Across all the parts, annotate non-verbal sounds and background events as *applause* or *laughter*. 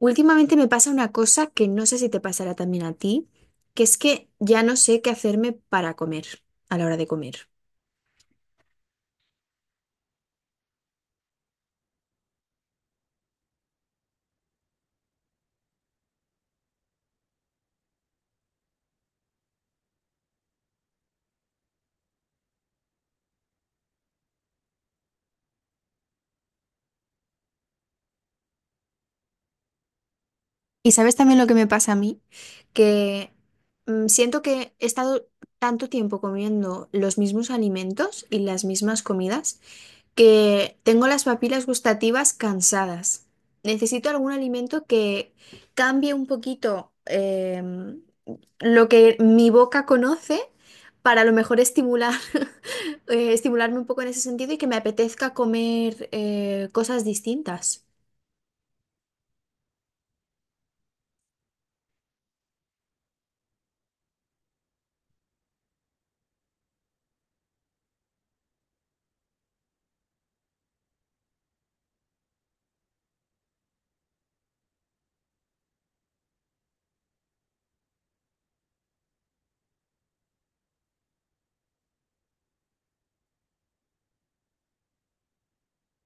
Últimamente me pasa una cosa que no sé si te pasará también a ti, que es que ya no sé qué hacerme para comer a la hora de comer. Y sabes también lo que me pasa a mí, que siento que he estado tanto tiempo comiendo los mismos alimentos y las mismas comidas que tengo las papilas gustativas cansadas. Necesito algún alimento que cambie un poquito lo que mi boca conoce para a lo mejor estimular, *laughs* estimularme un poco en ese sentido y que me apetezca comer cosas distintas.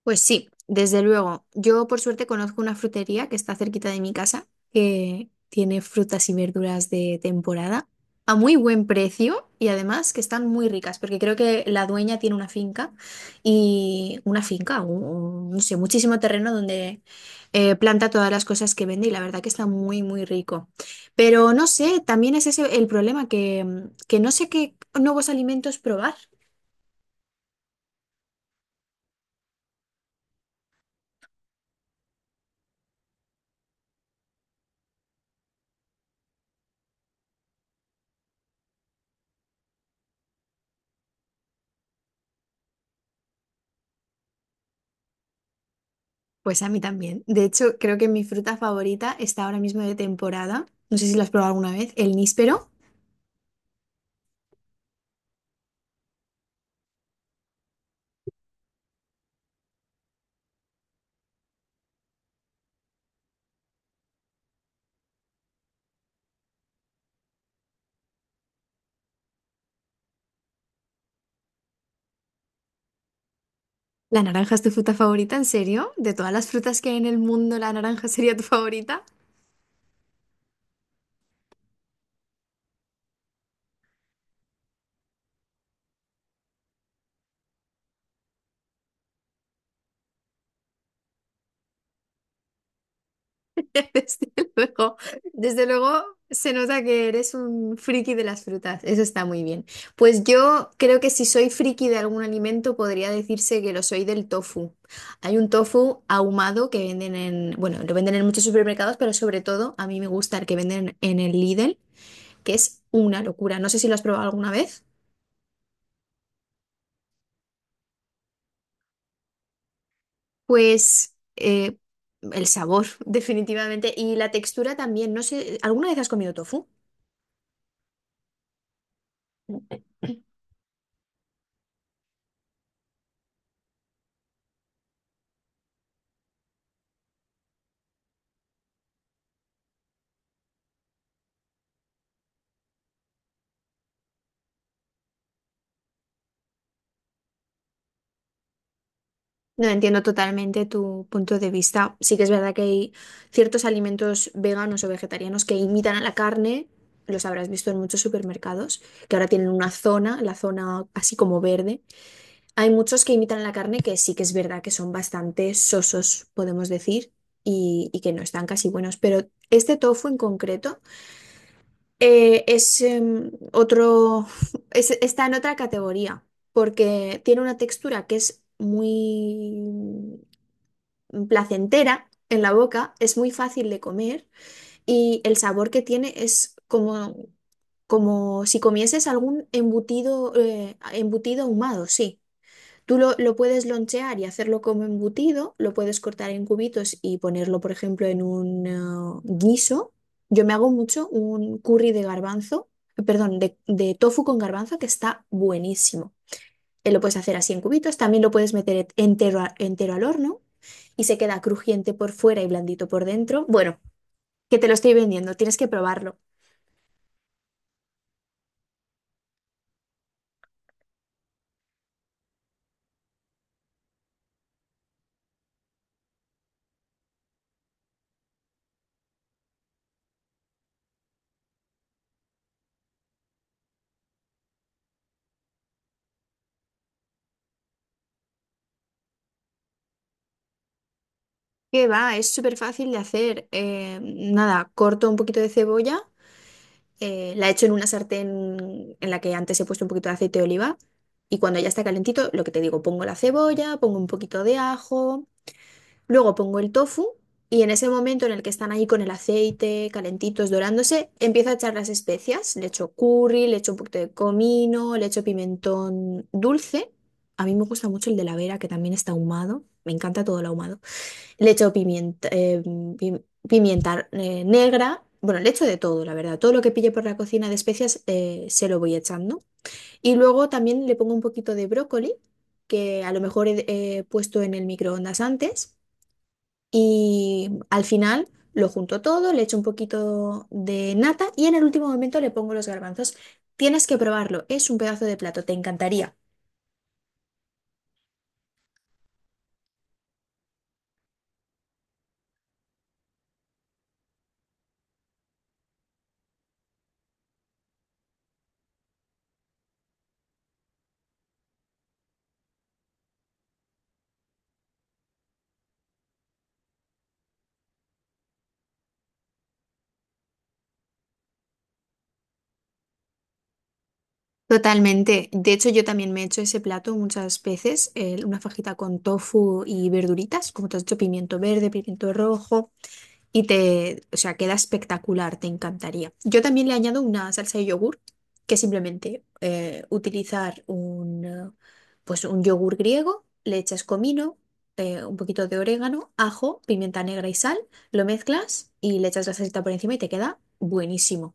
Pues sí, desde luego. Yo por suerte conozco una frutería que está cerquita de mi casa, que tiene frutas y verduras de temporada a muy buen precio y además que están muy ricas, porque creo que la dueña tiene una finca y una finca, no sé, muchísimo terreno donde planta todas las cosas que vende y la verdad que está muy, muy rico. Pero no sé, también es ese el problema que no sé qué nuevos alimentos probar. Pues a mí también. De hecho, creo que mi fruta favorita está ahora mismo de temporada. No sé si la has probado alguna vez. El níspero. ¿La naranja es tu fruta favorita? ¿En serio? ¿De todas las frutas que hay en el mundo, la naranja *laughs* sería tu favorita? *laughs* Desde luego, desde luego se nota que eres un friki de las frutas. Eso está muy bien. Pues yo creo que si soy friki de algún alimento, podría decirse que lo soy del tofu. Hay un tofu ahumado que venden en, bueno, lo venden en muchos supermercados, pero sobre todo a mí me gusta el que venden en el Lidl, que es una locura. No sé si lo has probado alguna vez. Pues eh, el sabor, *laughs* definitivamente. Y la textura también. No sé, ¿alguna vez has comido tofu? *clears throat* No entiendo totalmente tu punto de vista. Sí que es verdad que hay ciertos alimentos veganos o vegetarianos que imitan a la carne. Los habrás visto en muchos supermercados, que ahora tienen una zona, la zona así como verde. Hay muchos que imitan la carne que sí que es verdad que son bastante sosos, podemos decir, y, que no están casi buenos. Pero este tofu en concreto es otro, *laughs* está en otra categoría, porque tiene una textura que es muy placentera en la boca, es muy fácil de comer y el sabor que tiene es como, como si comieses algún embutido, embutido ahumado, sí. Tú lo puedes lonchear y hacerlo como embutido, lo puedes cortar en cubitos y ponerlo, por ejemplo, en un guiso. Yo me hago mucho un curry de garbanzo, perdón, de tofu con garbanzo que está buenísimo. Lo puedes hacer así en cubitos, también lo puedes meter entero, entero al horno y se queda crujiente por fuera y blandito por dentro. Bueno, que te lo estoy vendiendo, tienes que probarlo. Que va, es súper fácil de hacer. Nada, corto un poquito de cebolla. La echo en una sartén en la que antes he puesto un poquito de aceite de oliva y cuando ya está calentito, lo que te digo, pongo la cebolla, pongo un poquito de ajo, luego pongo el tofu y en ese momento en el que están ahí con el aceite calentitos dorándose, empiezo a echar las especias, le echo curry, le echo un poquito de comino, le echo pimentón dulce. A mí me gusta mucho el de la Vera, que también está ahumado. Me encanta todo lo ahumado. Le echo pimienta, pi- pimienta negra. Bueno, le echo de todo, la verdad. Todo lo que pille por la cocina de especias se lo voy echando. Y luego también le pongo un poquito de brócoli, que a lo mejor he puesto en el microondas antes. Y al final lo junto todo, le echo un poquito de nata y en el último momento le pongo los garbanzos. Tienes que probarlo, es un pedazo de plato, te encantaría. Totalmente. De hecho, yo también me he hecho ese plato muchas veces, una fajita con tofu y verduritas, como te has dicho, pimiento verde, pimiento rojo, o sea, queda espectacular, te encantaría. Yo también le añado una salsa de yogur, que es simplemente utilizar pues un yogur griego, le echas comino, un poquito de orégano, ajo, pimienta negra y sal, lo mezclas y le echas la salsita por encima y te queda buenísimo.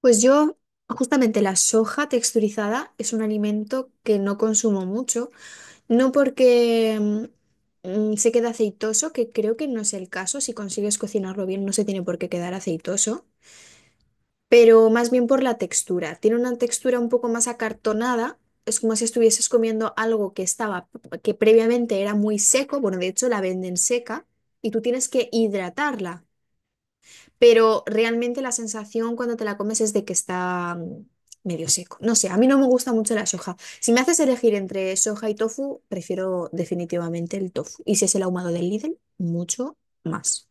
Pues yo, justamente la soja texturizada es un alimento que no consumo mucho, no porque se quede aceitoso, que creo que no es el caso, si consigues cocinarlo bien no se tiene por qué quedar aceitoso, pero más bien por la textura. Tiene una textura un poco más acartonada, es como si estuvieses comiendo algo que estaba, que previamente era muy seco, bueno, de hecho la venden seca y tú tienes que hidratarla, pero realmente la sensación cuando te la comes es de que está medio seco. No sé, a mí no me gusta mucho la soja. Si me haces elegir entre soja y tofu, prefiero definitivamente el tofu. Y si es el ahumado del Lidl, mucho más.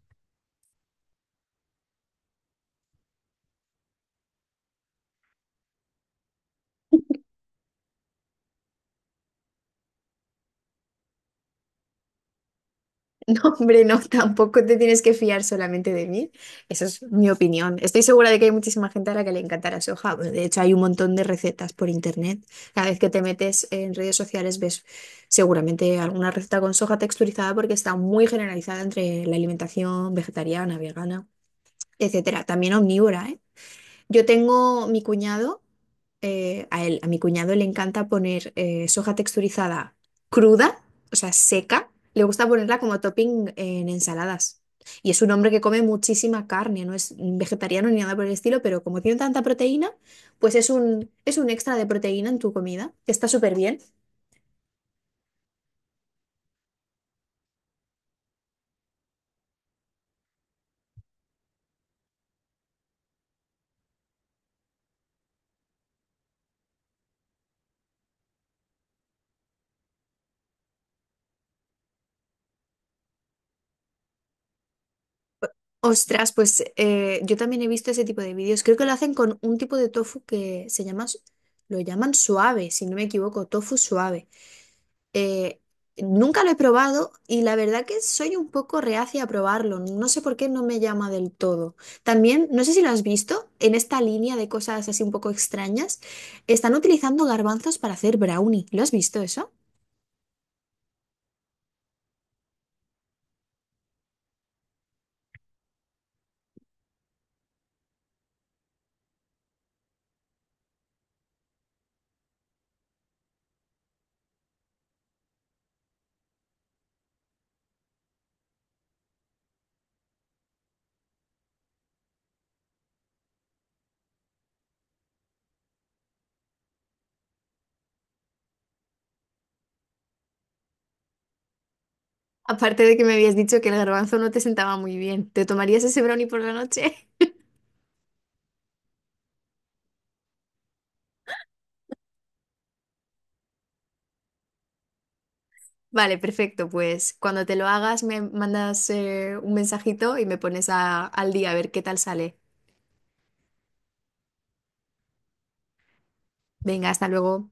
*laughs* Hombre, no, tampoco te tienes que fiar solamente de mí. Eso es mi opinión. Estoy segura de que hay muchísima gente a la que le encantará soja. Bueno, de hecho, hay un montón de recetas por internet. Cada vez que te metes en redes sociales ves seguramente alguna receta con soja texturizada porque está muy generalizada entre la alimentación vegetariana, vegana, etcétera. También omnívora, ¿eh? Yo tengo mi cuñado, a él, a mi cuñado le encanta poner soja texturizada cruda, o sea, seca. Le gusta ponerla como topping en ensaladas. Y es un hombre que come muchísima carne, no es vegetariano ni nada por el estilo, pero como tiene tanta proteína, pues es un extra de proteína en tu comida, que está súper bien. Ostras, yo también he visto ese tipo de vídeos. Creo que lo hacen con un tipo de tofu que se llama, lo llaman suave, si no me equivoco, tofu suave. Eh, nunca lo he probado y la verdad que soy un poco reacia a probarlo. No sé por qué no me llama del todo. También, no sé si lo has visto, en esta línea de cosas así un poco extrañas, están utilizando garbanzos para hacer brownie. ¿Lo has visto eso? Aparte de que me habías dicho que el garbanzo no te sentaba muy bien, ¿te tomarías ese brownie por la noche? *laughs* Vale, perfecto. Pues cuando te lo hagas me mandas un mensajito y me pones al día a ver qué tal sale. Venga, hasta luego.